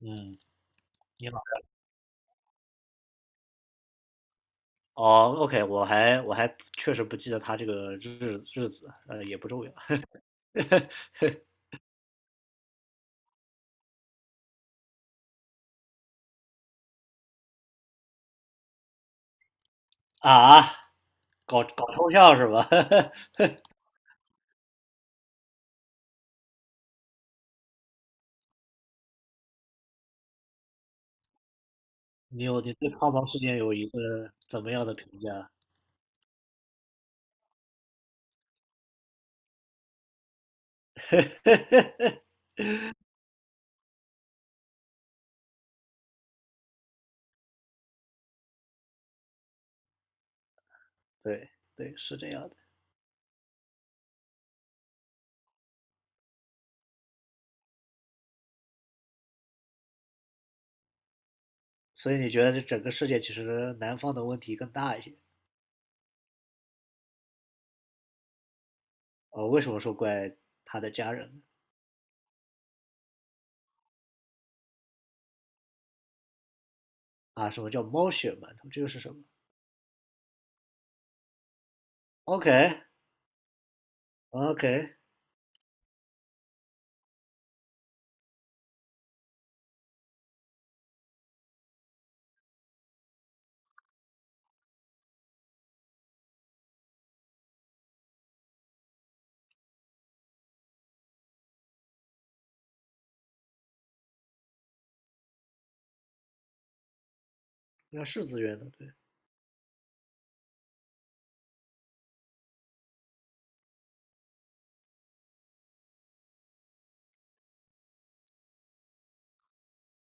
嗯，你好。哦，OK，我还确实不记得他这个日子，也不重要 啊，搞搞抽象是吧？你对胖猫事件有一个怎么样的评价？对对，是这样的。所以你觉得这整个世界其实南方的问题更大一些？为什么说怪他的家人呢？啊，什么叫猫血馒头？这个是什么？OK OK，那是自愿的，对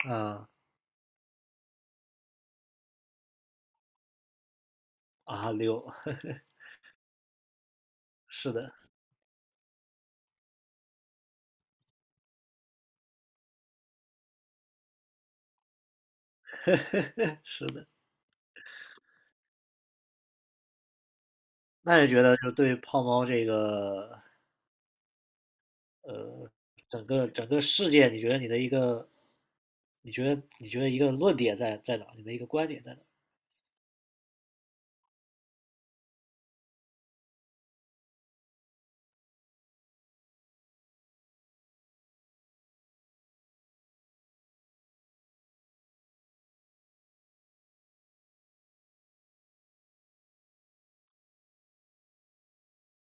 啊啊六，是的。是的，那你觉得就对胖猫这个整个事件，你觉得你的一个，你觉得一个论点在哪？你的一个观点在哪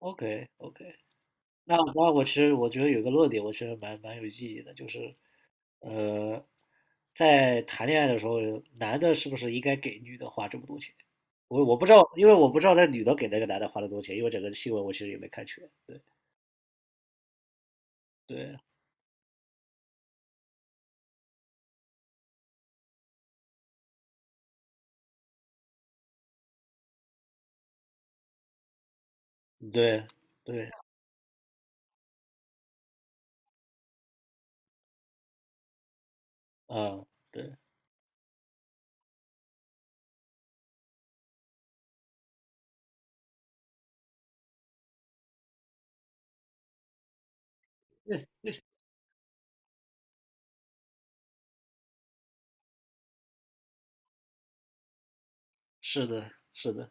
？OK OK，那我其实我觉得有一个论点，我其实蛮有意义的，就是呃，在谈恋爱的时候，男的是不是应该给女的花这么多钱？我不知道，因为我不知道那女的给那个男的花了多少钱，因为整个新闻我其实也没看全。对对对对，嗯，对。是的，是的，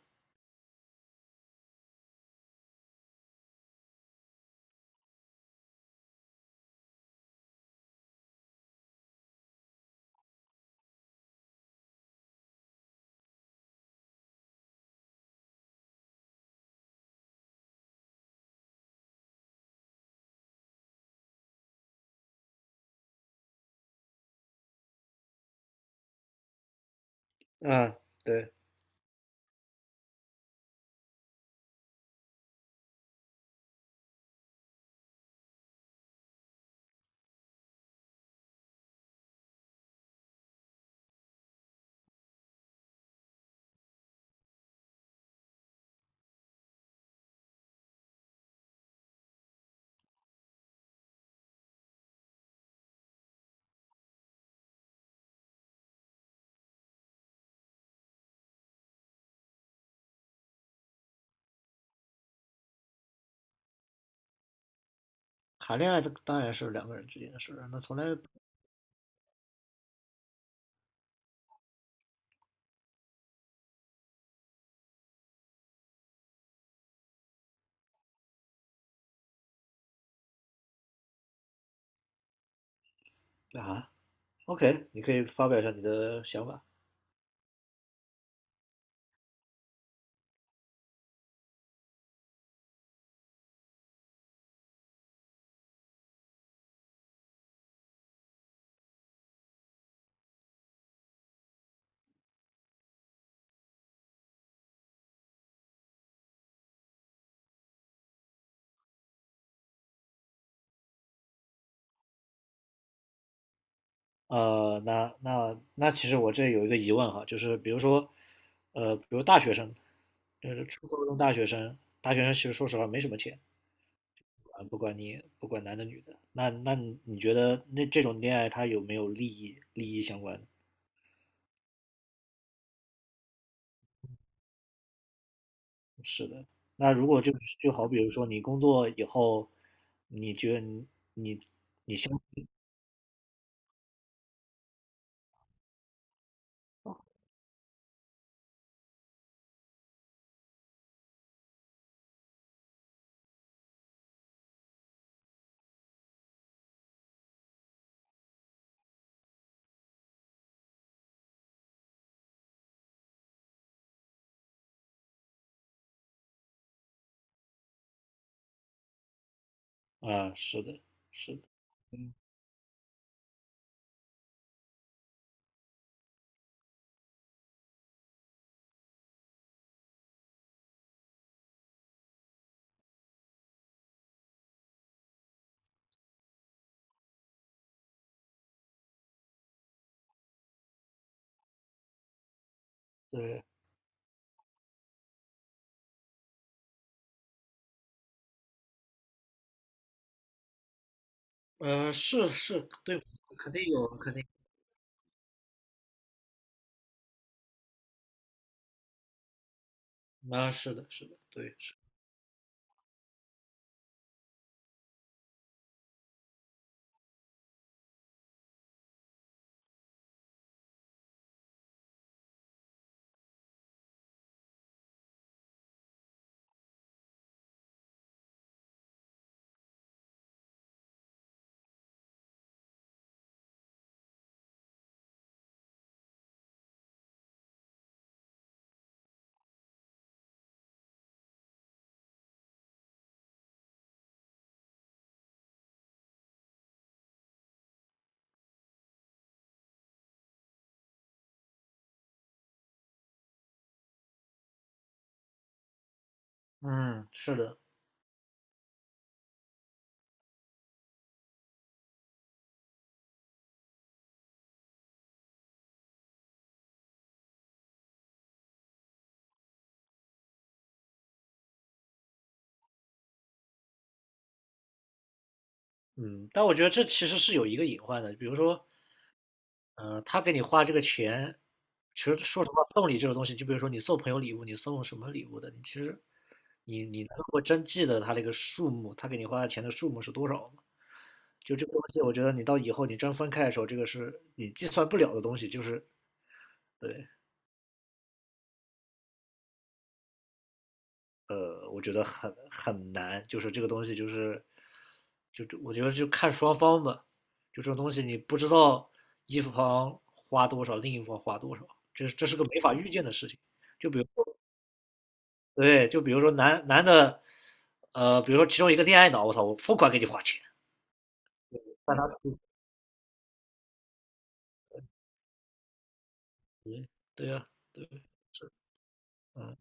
嗯，对，谈恋爱当然是两个人之间的事儿，那从来啊，OK，你可以发表一下你的想法。那其实我这有一个疑问哈，就是比如说，比如大学生，就是初高中大学生，大学生其实说实话没什么钱，啊，不管男的女的，那你觉得那这种恋爱它有没有利益相关的？是的，那如果就好比如说你工作以后，你觉得你你啊，是的，是的，对，是是，对，肯定有，肯定，啊，是的，是的，对，嗯，是的，嗯，但我觉得这其实是有一个隐患的，比如说，他给你花这个钱，其实说实话，送礼这种东西，就比如说你送朋友礼物，你送什么礼物的，你其实你能够真记得他这个数目，他给你花的钱的数目是多少吗？就这个东西，我觉得你到以后你真分开的时候，这个是你计算不了的东西，就是对。我觉得很难，就是这个东西就是，就我觉得就看双方吧，就这种东西你不知道一方花多少，另一方花多少，这是个没法预见的事情。就比如对，就比如说男的，比如说其中一个恋爱脑，我操，我疯狂给你花钱，但他对对呀、啊对，是嗯，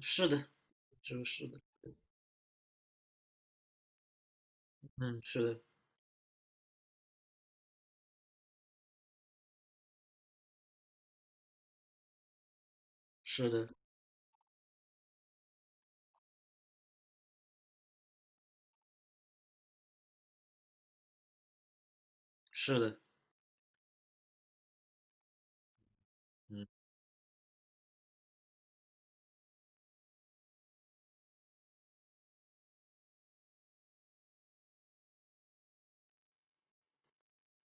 是的，就是的，嗯，是的，是的，是的，嗯。